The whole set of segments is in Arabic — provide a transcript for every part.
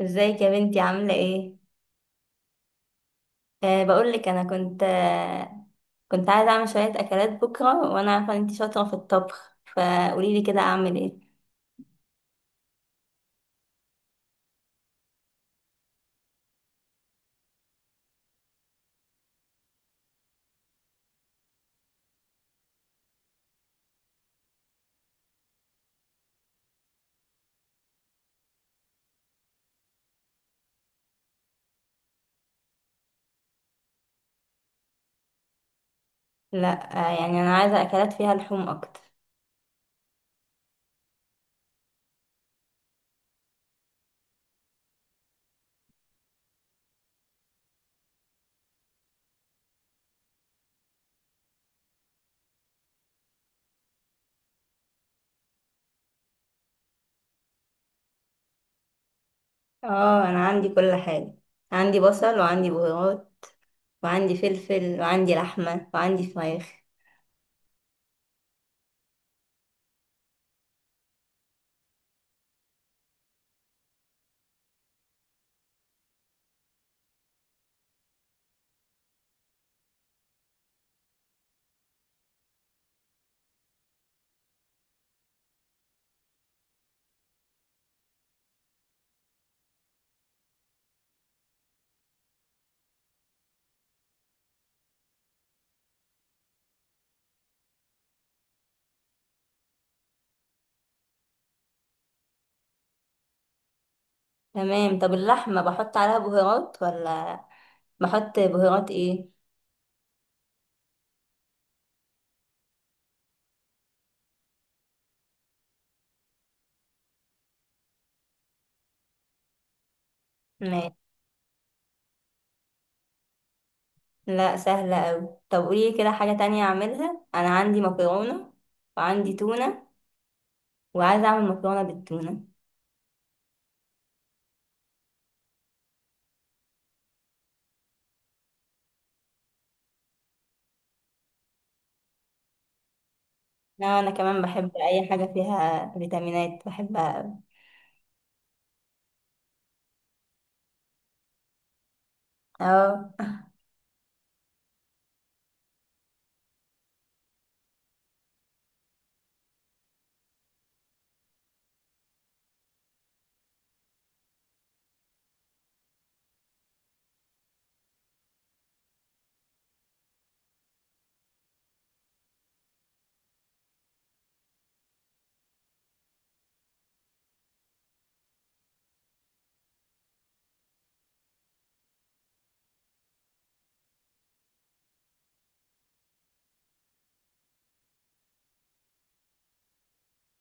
ازيك يا بنتي، عاملة ايه؟ بقولك انا كنت أه كنت عايزة اعمل شوية اكلات بكرة، وانا عارفة ان انتي شاطرة في الطبخ، فقوليلي كده اعمل ايه. لا أه يعني انا عايزة اكلات فيها لحوم اكتر. اه انا عندي كل حاجة، عندي بصل وعندي بهارات وعندي فلفل وعندي لحمة وعندي فراخ. تمام. طب اللحمة بحط عليها بهارات ولا؟ بحط بهارات ايه؟ ماشي. لا سهلة اوي. طب قولي كده حاجة تانية اعملها، انا عندي مكرونة وعندي تونة وعايزة اعمل مكرونة بالتونة. لا انا كمان بحب اي حاجة فيها فيتامينات، بحبها اوي. اه.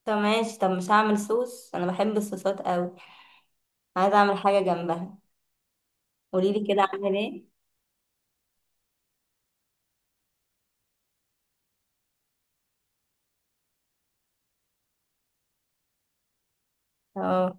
طب ماشي. طب مش هعمل صوص؟ انا بحب الصوصات اوي، عايزة اعمل حاجة جنبها، قوليلي كده اعمل ايه. اه.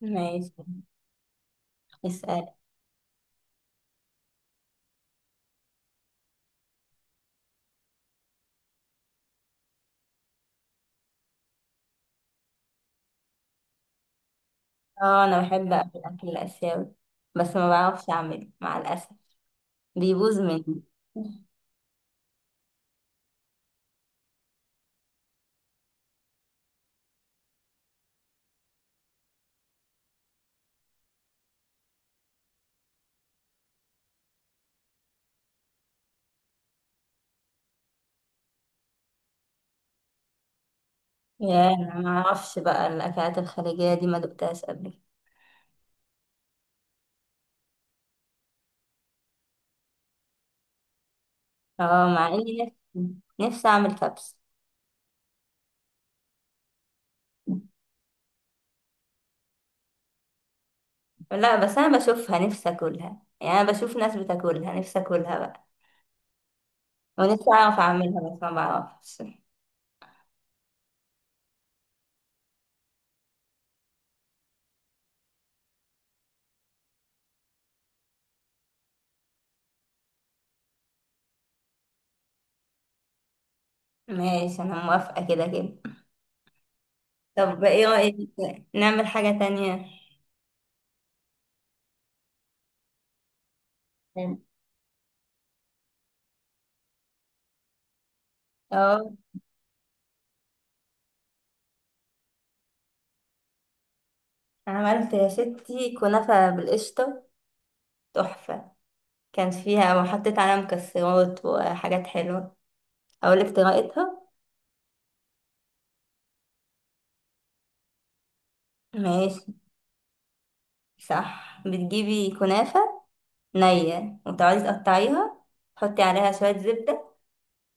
ماشي. اسأل. اه انا بحب اكل الاكل الاسيوي، بس ما بعرفش اعمله مع الاسف، بيبوظ مني. يا انا ما اعرفش بقى الاكلات الخليجيه دي، ما دقتهاش قبل كده. اه مع اني نفسي نفسي اعمل كبسه. لا بس انا بشوفها نفسي اكلها، يعني انا بشوف ناس بتاكلها نفسي اكلها بقى، ونفسي اعرف اعملها بس ما بعرفش. ماشي، انا موافقه كده كده. طب ايه رايك نعمل حاجه تانية؟ مم. اه. عملت يا ستي كنافه بالقشطه، تحفه. كان فيها، وحطيت عليها مكسرات وحاجات حلوه. اقولك طريقتها؟ ماشي. صح، بتجيبي كنافة نية وتقعدي تقطعيها، تحطي عليها شوية زبدة،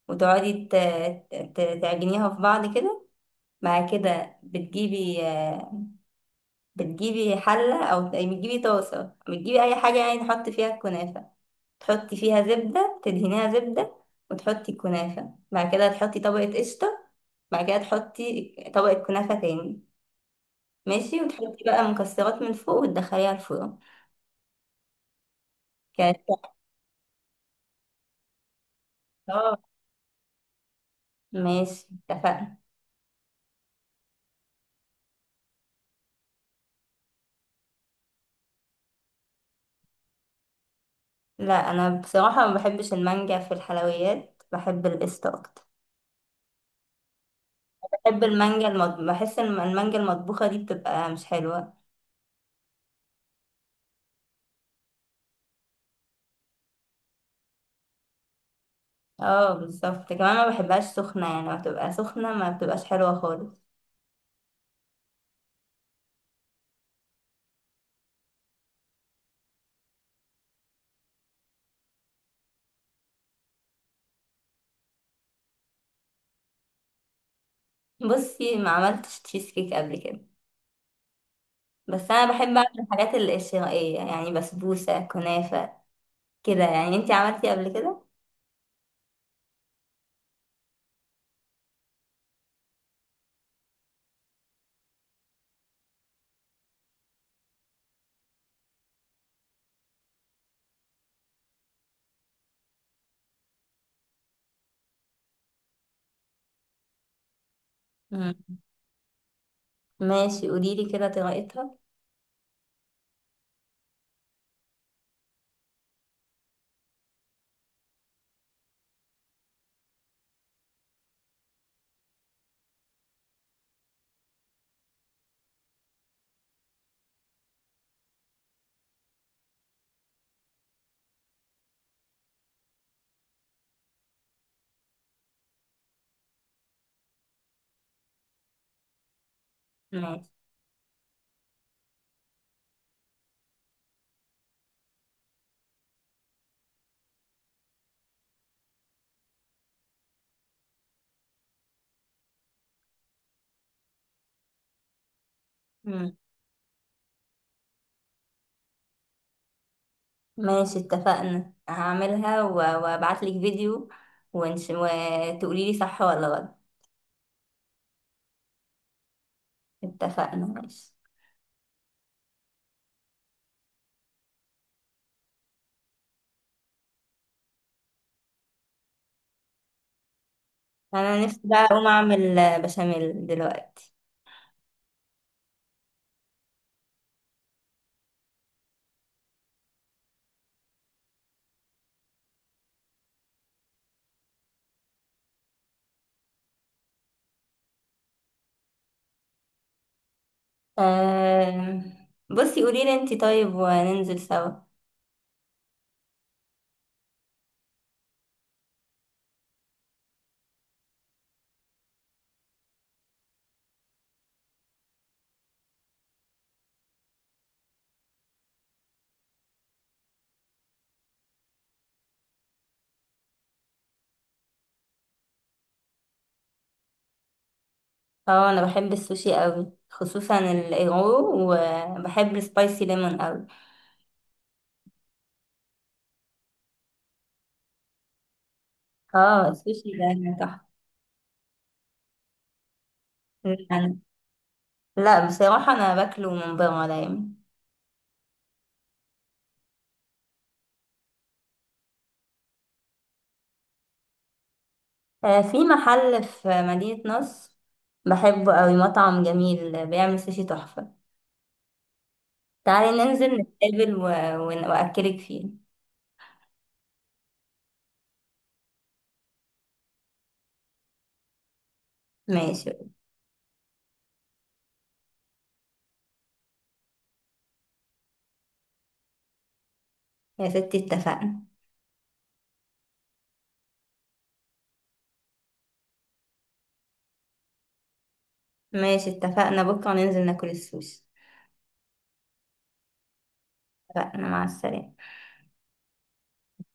وتقعدي تعجنيها في بعض كده. بعد كده بتجيبي بتجيبي حلة أو بتجيبي طاسة، بتجيبي أي حاجة يعني تحطي فيها الكنافة، تحطي فيها زبدة تدهنيها زبدة، وتحطي الكنافة، بعد كده تحطي طبقة قشطة، بعد كده تحطي طبقة كنافة تاني. ماشي، وتحطي بقى مكسرات من فوق وتدخليها الفرن. كانت تحفة. ماشي اتفقنا. لا انا بصراحة ما بحبش المانجا في الحلويات، بحب القشطة اكتر. بحب المانجا بحس ان المانجا المطبوخة دي بتبقى مش حلوة. اه بالظبط، كمان ما بحبهاش سخنة، يعني ما بتبقى سخنة ما بتبقاش حلوة خالص. بصي، ما عملتش تشيز كيك قبل كده، بس انا بحب اعمل الحاجات الشرقية، يعني بسبوسة، كنافة، كده يعني. انتي عملتي قبل كده؟ مم. ماشي قوليلي كده طريقتها. ماشي. ماشي اتفقنا، هعملها وابعتلك فيديو، وتقولي لي صح ولا غلط. اتفقنا ماشي. انا نفسي بقى اقوم اعمل بشاميل دلوقتي. بصي قولي لي انتي، طيب وننزل سوا. اه انا بحب السوشي قوي، خصوصا الايغو، وبحب السبايسي ليمون قوي. اه السوشي ده تحفه. يعني، لا بصراحه انا باكله من بره دايما. في محل في مدينة نصر بحبه قوي، مطعم جميل بيعمل سوشي تحفة. تعالي ننزل نتقابل وأكلك فيه. ماشي يا ستي اتفقنا. ماشي اتفقنا، بكرة ننزل ناكل السوشي. اتفقنا، مع السلامة.